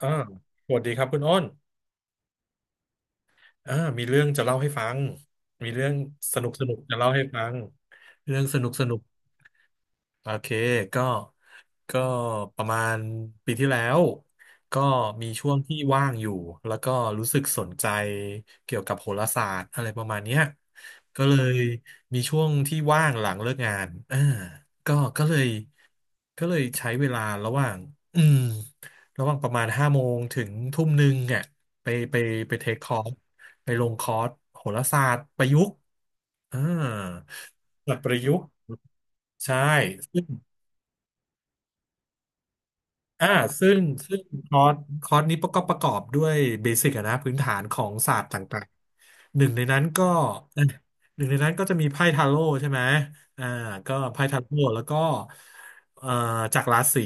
อ่าสวัสดีครับคุณอ้นอ่ามีเรื่องจะเล่าให้ฟัง มีเรื่องสนุกสนุกจะเล่าให้ฟัง เรื่องสนุกสนุก โอเคก็ก็ประมาณปีที่แล้ว ก็มีช่วงที่ว่างอยู่ แล้วก็รู้สึกสนใจเกี่ยวกับโหราศาสตร์อะไรประมาณเนี้ยก็เลยมีช่วงที่ว่างหลังเลิกงานก็ก็เลยก็เลยใช้เวลาอืมระหว่างประมาณห้าโมงถึงทุ่มหนึ่งเนี่ยไปไปไปเทคคอร์สไปลงคอร์สโหราศาสตร์ประยุกต์อ่าแบบประยุกต์ใช่ อ่าซึ่งซึ่งคอร์สนี้ก็ประกอบด้วยเบสิกอะนะพื้นฐานของศาสตร์ต่างๆหนึ่งในนั้นก็ เอหนึ่งในนั้นก็จะมีไพ่ทาโร่ใช่ไหมอ่าก็ไพ่ทาโร่แล้วก็เอ่อจากราศี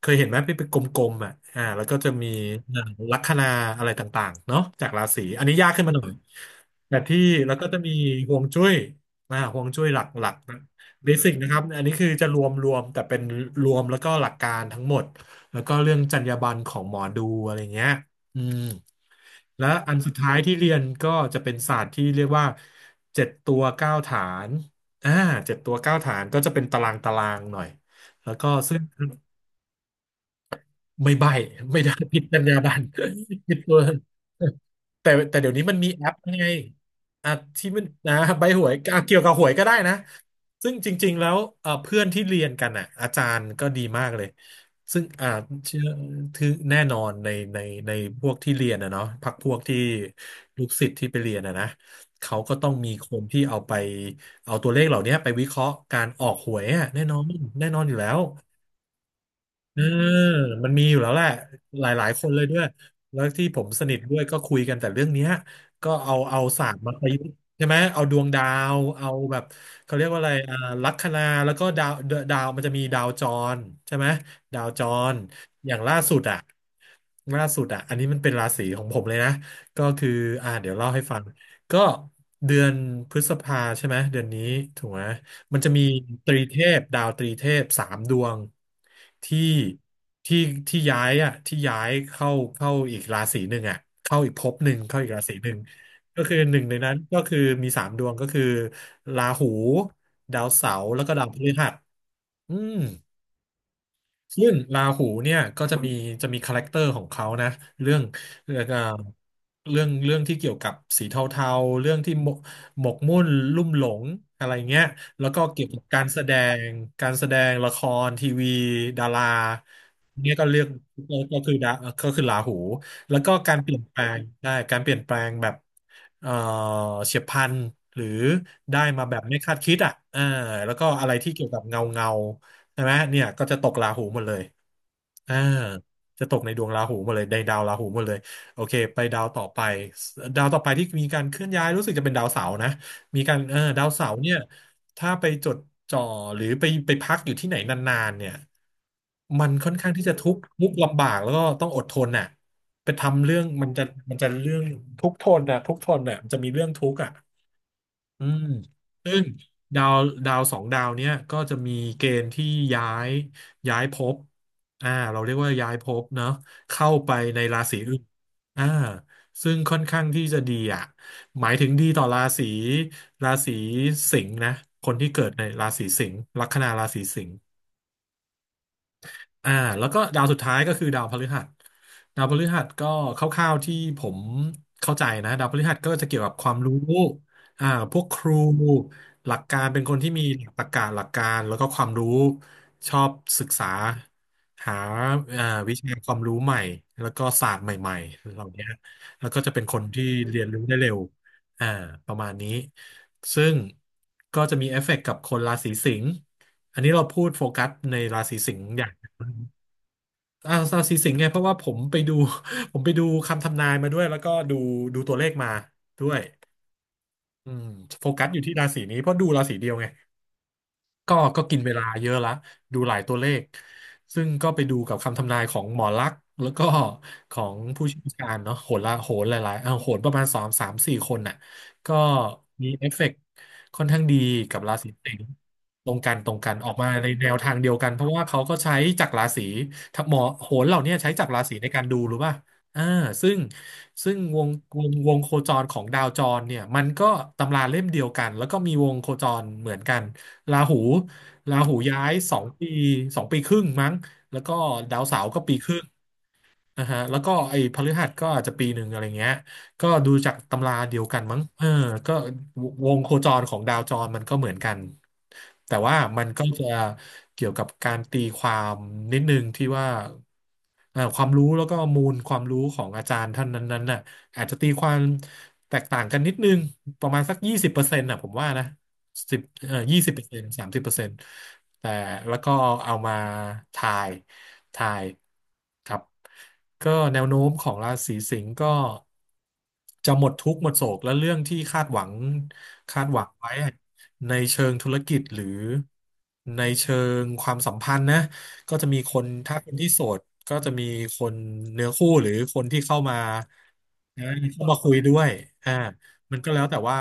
เคยเห็นไหมที่เป็นกลมๆอ่ะแล้วก็จะมีเอ่อลัคนาอะไรต่างๆเนาะจากราศีอันนี้ยากขึ้นมาหน่อยแต่ที่แล้วก็จะมีฮวงจุ้ยฮวงจุ้ยหลักๆนะเบสิกนะครับอันนี้คือจะรวมแต่เป็นรวมแล้วก็หลักการทั้งหมด แล้วก็เรื่องจรรยาบรรณของหมอดูอะไรเงี้ยอืมและอันสุดท้ายที่เรียนก็จะเป็นศาสตร์ที่เรียกว่าเจ็ดตัวเก้าฐานอ่าเจ็ดตัวเก้าฐานก็จะเป็นตารางตารางหน่อย แล้วก็ซึ่ง ไม่ใบ้ไม่ได้ผิดจรรยาบรรณ ผิดตัวแต่เดี๋ยวนี้มันมีแอปไงอ่ะที่มันนะใบหวยอ่ะเกี่ยวกับหวยก็ได้นะซึ่งจริงๆแล้วเพื่อนที่เรียนกันอ่ะอาจารย์ก็ดีมากเลยซึ่งเชื่อถือแน่นอนในในพวกที่เรียนนะเนาะพรรคพวกที่ลูกศิษย์ที่ไปเรียนนะนะเขาก็ต้องมีคนที่เอาไปเอาตัวเลขเหล่านี้ไปวิเคราะห์การออกหวยอ่ะแน่นอนแน่นอนอยู่แล้ว เออมันมีอยู่แล้วแหละหลายๆคนเลยด้วยแล้วที่ผมสนิทด้วยก็คุยกันแต่เรื่องเนี้ยก็เอาศาสตร์มาประยุกต์ใช่ไหมเอาดวงดาวเอาแบบเขาเรียกว่าอะไรลัคนาแล้วก็ดาวมันจะมีดาวจรใช่ไหมดาวจรอย่างล่าสุดอ่ะล่าสุดอ่ะอันนี้มันเป็นราศีของผมเลยนะก็คือเดี๋ยวเล่าให้ฟังก็เดือนพฤษภาใช่ไหมเดือนนี้ถูกไหม มันจะมีตรีเทพดาวตรีเทพสามดวงที่ที่ที่ย้ายอ่ะที่ย้ายเข้าอีกราศีหนึ่งอ่ะเข้าอีกภพหนึ่งเข้าอีกราศีหนึ่งก็คือหนึ่งในนั้นก็คือมีสามดวงก็คือราหูดาวเสาร์แล้วก็ดาวพฤหัสอืม ซึ่งราหูเนี่ยก็จะมีคาแรคเตอร์ของเขานะเรื่องเรื่องเอ่อเรื่องที่เกี่ยวกับสีเทาๆเรื่องที่หมกมุ่นลุ่มหลงอะไรเงี้ยแล้วก็เกี่ยวกับงการแสดงละครทีวีดาราเนี่ยก็เรียกก็คือดาก็คือราหูแล้วก็การเปลี่ยนแปลงได้การเปลี่ยนแปลงแบบเอ่อเฉียบพลันหรือได้มาแบบไม่คาดคิดอ่ะแล้วก็อะไรที่เกี่ยวกับเงาเงา ใช่ไหมเนี่ยก็จะตกราหูหมดเลยอ่าจะตกในดวงราหูหมดเลยในดาวราหูหมดเลยโอเคไปดาวต่อไปดาวต่อไปที่มีการเคลื่อนย้ายรู้สึกจะเป็นดาวเสาร์นะมีการดาวเสาร์เนี่ยถ้าไปจดจ่อหรือไปพักอยู่ที่ไหนนานๆเนี่ยมันค่อนข้างที่จะทุกข์ทุกข์ลำบากแล้วก็ต้องอดทนน่ะไปทำเรื่องมันจะเรื่องทุกข์ทนน่ะทุกข์ทนน่ะมันจะมีเรื่องทุกข์อ่ะ อืมซึ่งดาวดาวสองดาวเนี้ยก็จะมีเกณฑ์ที่ย้ายย้ายภพเราเรียกว่าย้ายภพเนาะเข้าไปในราศีอื่นอ่าซึ่งค่อนข้างที่จะดีอ่ะหมายถึงดีต่อราศีสิงห์นะคนที่เกิดในราศีสิงห์ลัคนาราศีสิงห์ อ่าแล้วก็ดาวสุดท้ายก็คือดาวพฤหัสก็คร่าวๆที่ผมเข้าใจนะดาวพฤหัสก็จะเกี่ยวกับความรู้พวกครูหลักการเป็นคนที่มีหลักตรรกะหลักการแล้วก็ความรู้ชอบศึกษาหาวิชาความรู้ใหม่แล้วก็ศาสตร์ใหม่ๆเหล่านี้แล้วก็จะเป็นคนที่เรียนรู้ได้เร็วอ่าประมาณนี้ซึ่งก็จะมีเอฟเฟกต์กับคนราศีสิงห์อันนี้เราพูดโฟกัสในราศีสิงห์อย่าง ออาเาสีสิงห์ไงเพราะว่าผมไปดู ผมไปดูคำทำนายมาด้วยแล้วก็ดูตัวเลขมาด้วยอืมโฟกัสอยู่ที่ราศีนี้เพราะดูราศีเดียวไง ก็กินเวลาเยอะละดูหลายตัวเลข ซึ่งก็ไปดูกับคำทำนายของหมอลักษณ์แล้วก็ของผู้เชี่ยวชาญเนาะโหนละโหนหลายๆเอ้าโหนประมาณสามสามสี่คนน่ะก็มีเอฟเฟกต์ค่อนข้างดีกับราศีสิงห์ตรงกันตรงกัน ออกมาในแนวทางเดียวกัน เพราะว่าเขาก็ใช้จากราศีถ้าหมอโหนเหล่าเนี้ยใช้จากราศีในการดูรู้ป่ะอ่า ซึ่งซึ่งวงโคจรของดาวจรเนี่ยมันก็ตำราเล่มเดียวกันแล้วก็มีวงโคจรเหมือนกัน ราหูราหูย้ายสองปี2 ปีครึ่งมั้งแล้วก็ดาวเสาร์ก็ปีครึ่ง นะฮะแล้วก็ไอ้พฤหัสก็อาจจะปีหนึ่งอะไรเงี้ยก็ดูจากตำราเดียวกันมั้งเออก็วงโคจรของดาวจรมันก็เหมือนกันแต่ว่ามันก็จะเกี่ยวกับการตีความนิดนึงที่ว่าความรู้แล้วก็มูลความรู้ของอาจารย์ท่านนั้นๆน่ะอาจจะตีความแตกต่างกันนิดนึงประมาณสักยี่สิบเปอร์เซ็นต์น่ะผมว่านะสิบเอ่อยี่สิบเปอร์เซ็นต์30%แต่แล้วก็เอามาทาย ทายครับก็แนวโน้มของราศีสิงห์ก็จะหมดทุกข์หมดโศกและเรื่องที่คาดหวังไว้ในเชิงธุรกิจหรือในเชิงความสัมพันธ์นะก็จะมีคนถ้าคนที่โสดก็จะมีคนเนื้อคู่หรือคนที่นะเข้ามาคุยด้วยอ่ามันก็แล้วแต่ว่า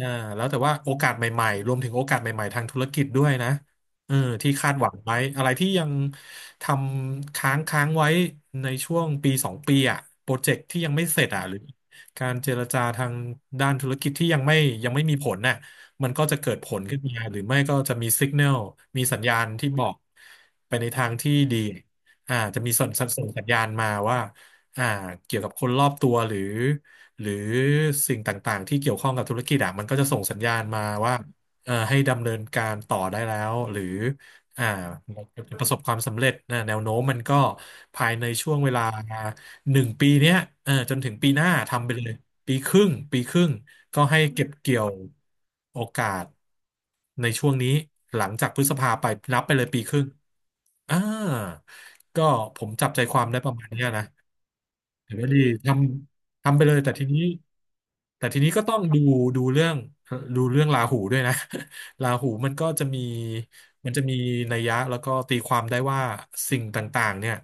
อ่าแล้วแต่ว่าโอกาสใหม่ๆรวมถึงโอกาสใหม่ๆทางธุรกิจด้วยนะเออที่คาดหวังไว้อะไรที่ยังทำค้างค้างไว้ในช่วงปีสองปีอ่ะโปรเจกต์ที่ยังไม่เสร็จอ่ะหรือการเจรจาทางด้านธุรกิจที่ยังไม่มีผลน่ะมันก็จะเกิดผลขึ้นมาหรือไม่ก็จะมีสัญญาณที่บอกไปในทางที่ดีจะมีส่งสัญญาณมาว่าอ่าเกี่ยวกับคนรอบตัวหรือสิ่งต่างๆที่เกี่ยวข้องกับธุรกิจอะมันก็จะส่งสัญญาณมาว่าให้ดำเนินการต่อได้แล้วหรืออ่าประสบความสำเร็จนะแนวโน้มมันก็ภายในช่วงเวลาหนึ่งปีเนี้ยเออจนถึงปีหน้าทำไปเลยปีครึ่งปีครึ่งก็ให้เก็บเกี่ยวโอกาสในช่วงนี้หลังจากพฤษภาไปนับไปเลยปีครึ่งอ่าก็ผมจับใจความได้ประมาณเนี้ยนะ ถือว่าดีททำไปเลยแต่ทีนี้ก็ต้องดูเรื่องดูเรื่องราหูด้วยนะ ราหูมันจะมีนัยยะแล้วก็ตีความได้ว่าสิ่งต่างๆเนี่ย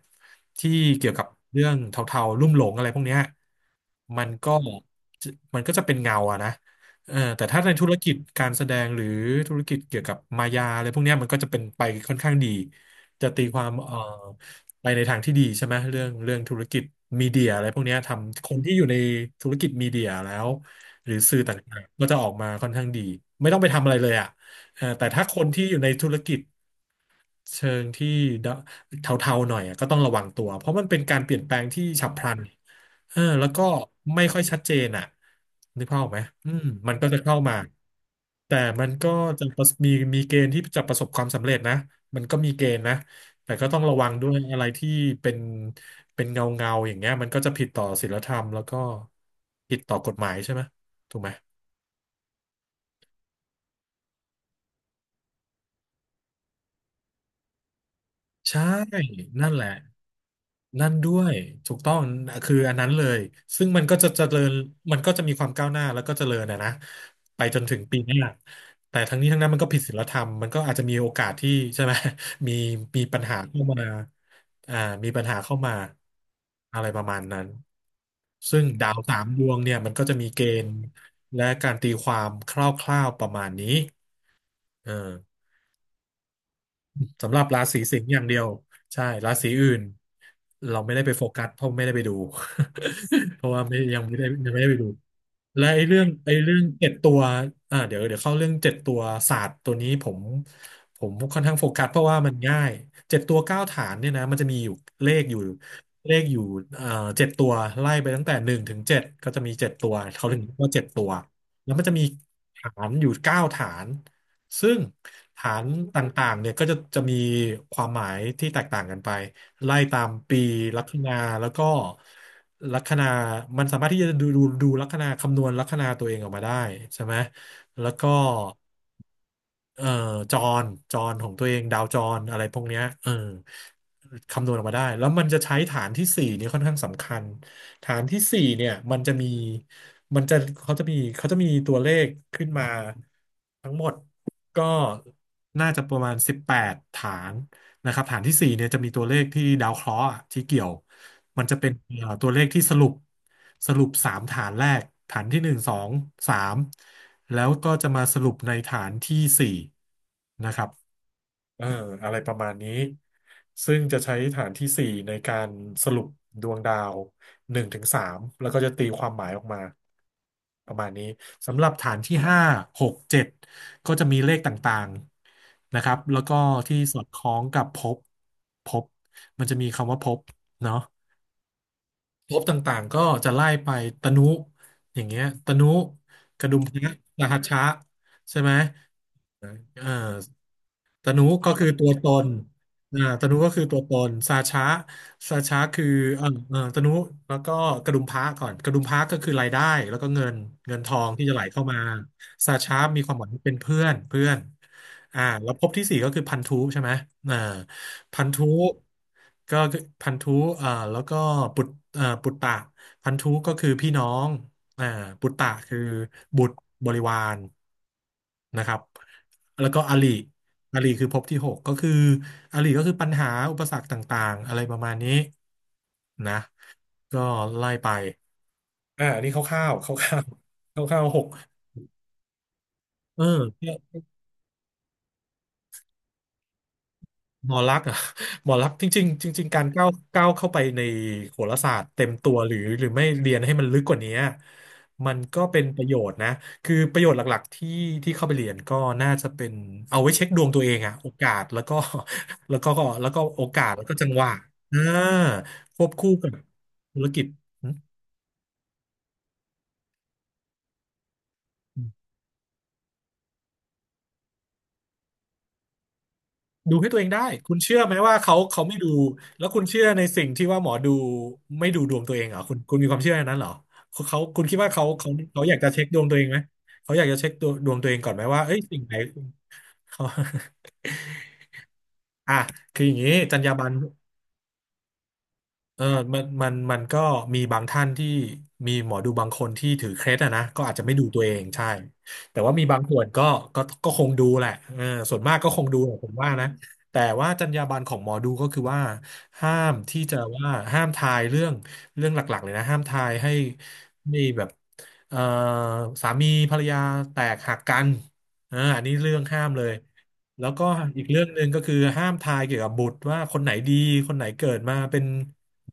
ที่เกี่ยวกับเรื่องเทาๆลุ่มหลงอะไรพวกเนี้ยมันก็จะมันก็จะเป็นเงาอะนะเออแต่ถ้าในธุรกิจการแสดงหรือธุรกิจเกี่ยวกับมายาอะไรพวกเนี้ยมันก็จะเป็นไปค่อนข้างดีจะตีความไปในทางที่ดีใช่ไหมเรื่องธุรกิจมีเดียอะไรพวกเนี้ยทำคนที่อยู่ในธุรกิจมีเดียแล้วหรือสื่อต่างๆก็จะออกมาค่อนข้างดีไม่ต้องไปทำอะไรเลยอ่ะเออแต่ถ้าคนที่อยู่ในธุรกิจ เชิงที่ดะเทาๆหน่อยอะก็ต้องระวังตัวเพราะมันเป็นการเปลี่ยนแปลงที่ฉับพลันเออแล้วก็ไม่ค่อยชัดเจนอ่ะนึกภาพออกไหมมันก็จะเข้ามาแต่มันก็จะประสมีมีเกณฑ์ที่จะประสบความสำเร็จนะมันก็มีเกณฑ์นะแต่ก็ต้องระวังด้วยอะไรที่เป็นเป็นเงาเงาอย่างเงี้ยมันก็จะผิดต่อศีลธรรมแล้วก็ผิดต่อกฎหมายใช่ไหมถูกไหมใช่นั่นแหละ นั่นด้วยถูกต้องคืออันนั้นเลยซึ่งมันก็จะเจริญมันก็จะมีความก้าวหน้าแล้วก็เจริญนะนะไปจนถึงปีหน้าแต่ทั้งนี้ทั้งนั้นมันก็ผิดศีลธรรมมันก็อาจจะมีโอกาสที่ใช่ไหม มีมีปัญหาเข้ามาอ่ามีปัญหาเข้ามาอะไรประมาณนั้นซึ่งดาว3 ดวงเนี่ยมันก็จะมีเกณฑ์และการตีความคร่าวๆประมาณนี้เออ สำหรับราศีสิงห์อย่างเดียวใช่ราศีอื่นเราไม่ได้ไปโฟกัสเพราะไม่ได้ไปดู เพราะว่าไม่ยังไม่ได้ยังไม่ได้ไปดูและไอ้เรื่องเจ็ดตัวเดี๋ยวเข้าเรื่องเจ็ดตัวศาสตร์ตัวนี้ผมค่อนข้างโฟกัสเพราะว่ามันง่ายเจ็ดตัวเก้าฐานเนี่ยนะมันจะมีอยู่เลขอยู่เลขอยู่เอ่อเจ็ดตัวไล่ไปตั้งแต่หนึ่งถึงเจ็ดก็จะมีเจ็ดตัวเขาถึงเรียกว่าเจ็ดตัวแล้วมันจะมีฐานอยู่เก้าฐาน ซึ่งฐานต่างๆเนี่ยก็จะมีความหมายที่แตกต่างกันไปไล่ตามปีลัคนาแล้วก็ลัคนามันสามารถที่จะดูลัคนาคำนวณลัคนาตัวเองออกมาได้ใช่ไหมแล้วก็เอ่อจรจรของตัวเองดาวจรอะไรพวกเนี้ยเออคำนวณออกมาได้แล้วมันจะใช้ฐานที่สี่นี่ค่อนข้างสำคัญฐานที่สี่เนี่ยมันจะมีมันจะเขาจะมีตัวเลขขึ้นมาทั้งหมด ก็น่าจะประมาณ 18 ฐานนะครับ ฐานที่ 4 เนี่ยจะมีตัวเลขที่ดาวเคราะห์อะที่เกี่ยว มันจะเป็นตัวเลขที่สรุป 3 ฐานแรกฐานที่ 1 2 3 แล้วก็จะมาสรุปในฐานที่ 4 นะครับ เอออะไรประมาณนี้ซึ่งจะใช้ฐานที่สี่ในการสรุปดวงดาวหนึ่งถึงสามแล้วก็จะตีความหมายออกมาประมาณนี้สำหรับฐานที่ห้าหกเจ็ดก็จะมีเลขต่างๆนะครับแล้วก็ที่สอดคล้องกับภพภพมันจะมีคำว่าภพเนาะภพต่างๆก็จะไล่ไปตนุอย่างเงี้ยตนุกระดุมพระรหัสชะใช่ไหมเออ ตนุก็คือตัวตนอ่าตนุก็คือตัวตนสาชะสาชะคือตนุแล้วก็กระดุมพระก่อนกระดุมพระก็คือรายได้ แล้วก็เงินเงินทองที่จะไหลเข้ามาสาชะมีความหมายว่าเป็นเพื่อนเพื่อนอ่าแล้วภพที่สี่ก็คือพันธุใช่ไหมอ่าพันธุก็คือพันธุอ่าแล้วก็ปุตปุตตะพันธุก็คือพี่น้อง อ่าปุตตะคือบุตรบริวารนะครับแล้วก็อริอริคือภพที่หกก็คืออริก็คือปัญหาอุปสรรคต่างๆอะไรประมาณนี้นะก็ไล่ไปอ่าอันนี่คร่าวๆคร่าวๆคร่าวๆหกเออ หมอลักษณ์อะ หมอลักษณ์จริงๆจริงๆการก้าวเข้าไปในโหราศาสตร์เต็มตัวหรือไม่เรียนให้มันลึกกว่านี้มันก็เป็นประโยชน์นะคือประโยชน์หลักๆที่เข้าไปเรียนก็น่าจะเป็นเอาไว้เช็คดวงตัวเองอะโอกาสแล้วก็ แล้วก็แล้วก็โอกาสแล้วก็จังหวะอ่าควบคู่กับธุรกิจ ดูให้ตัวเองได้คุณเชื่อไหมว่าเขาไม่ดูแล้วคุณเชื่อในสิ่งที่ว่าหมอดูไม่ดูดวงตัวเองเหรอคุณมีความเชื่ออย่างนั้นเหรอเขาคุณคิดว่าเขาอยากจะเช็คดวงตัวเองไหมเขาอยากจะเช็คตัวดวงตัวเองก่อนไหมว่าเอ้ยสิ่งไหนเขา อ่ะคืออย่างนี้จรรยาบรรณ เออมันก็มีบางท่านที่มีหมอดูบางคนที่ถือเคล็ดอะนะก็อาจจะไม่ดูตัวเองใช่แต่ว่ามีบางส่วนก็ก็คงดูแหละเออส่วนมากก็คงดูแหละผมว่านะแต่ว่าจรรยาบรรณของหมอดูก็คือว่าห้ามที่จะว่าห้ามทายเรื่องหลักๆเลยนะห้ามทายให้ไม่แบบเอ่อสามีภรรยาแตกหักกันเอออันนี้เรื่องห้ามเลยแล้วก็อีกเรื่องหนึ่งก็คือห้ามทายเกี่ยวกับบุตรว่าคนไหนดีคนไหนเกิดมาเป็น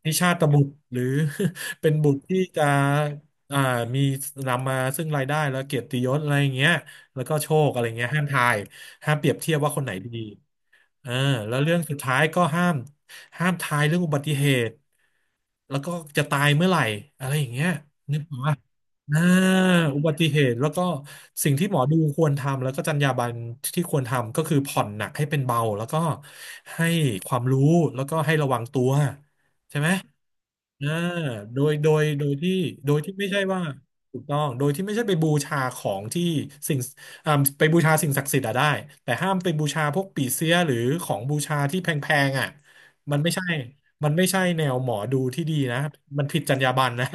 นิชาตบุตรหรือ เป็นบุตรที่จะอ่ามีนำมาซึ่งรายได้แล้วเกียรติยศอะไรอย่างเงี้ยแล้วก็โชคอะไรเงี้ยห้ามทายห้ามเปรียบเทียบว่าคนไหนดี อ่าแล้วเรื่องสุดท้ายก็ห้ามทายเรื่องอุบัติเหตุแล้วก็จะตายเมื่อไหร่อะไรอย่างเงี้ยนึกออกปะอ่าอุบัติเหตุแล้วก็สิ่งที่หมอดูควรทำแล้วก็จรรยาบรรณที่ควรทำก็คือผ่อนหนักให้เป็นเบาแล้วก็ให้ความรู้แล้วก็ให้ระวังตัวใช่ไหมอ่าโดยที่โดยที่ไม่ใช่ว่าถูกต้องโดยที่ไม่ใช่ไปบูชาของที่สิ่ง อ่าไปบูชาสิ่งศักดิ์สิทธิ์อะได้แต่ห้ามไปบูชาพวกปี่เสียหรือของบูชาที่แพงๆอ่ะมันไม่ใช่มันไม่ใช่แนวหมอดูที่ดีนะมันผิดจรรยาบรรณนะ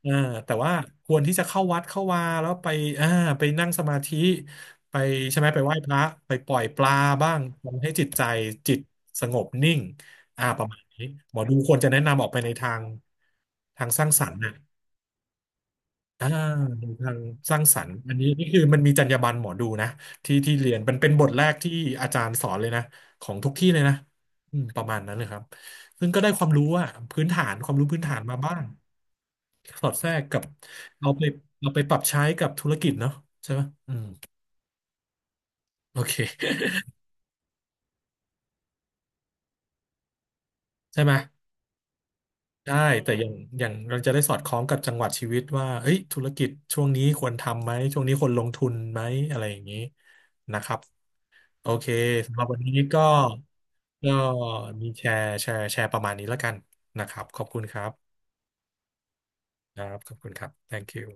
เออแต่ว่าควรที่จะเข้าวัดเข้าวาแล้วไปอ่าไปนั่งสมาธิไปใช่ไหมไปไหว้พระไปปล่อยปลาบ้างทำให้จิตใจจิตสงบนิ่งอ่าประมาณนี้หมอดูควรจะแนะนำออกไปในทางสร้างสรรค์นะ อ่าในทางสร้างสรรค์อันนี้นี่คือมันมีจรรยาบรรณหมอดูนะที่เรียนมันเป็นบทแรกที่อาจารย์สอนเลยนะของทุกที่เลยนะอืมประมาณนั้นเลยครับซึ่งก็ได้ความรู้อะพื้นฐานความรู้พื้นฐานมาบ้างสอดแทรกกับเอาไปเอาไปปรับใช้กับธุรกิจเนาะใช่ไหมอืมโอเค ใช่ไหมได้แต่อย่างเราจะได้สอดคล้องกับจังหวะชีวิตว่าเอ้ยธุรกิจช่วงนี้ควรทำไหมช่วงนี้ควรลงทุนไหมอะไรอย่างนี้นะครับ โอเคสำหรับวันนี้ก็ก็มีแชร์ประมาณนี้แล้วกันนะครับขอบคุณครับครับขอบคุณครับ thank you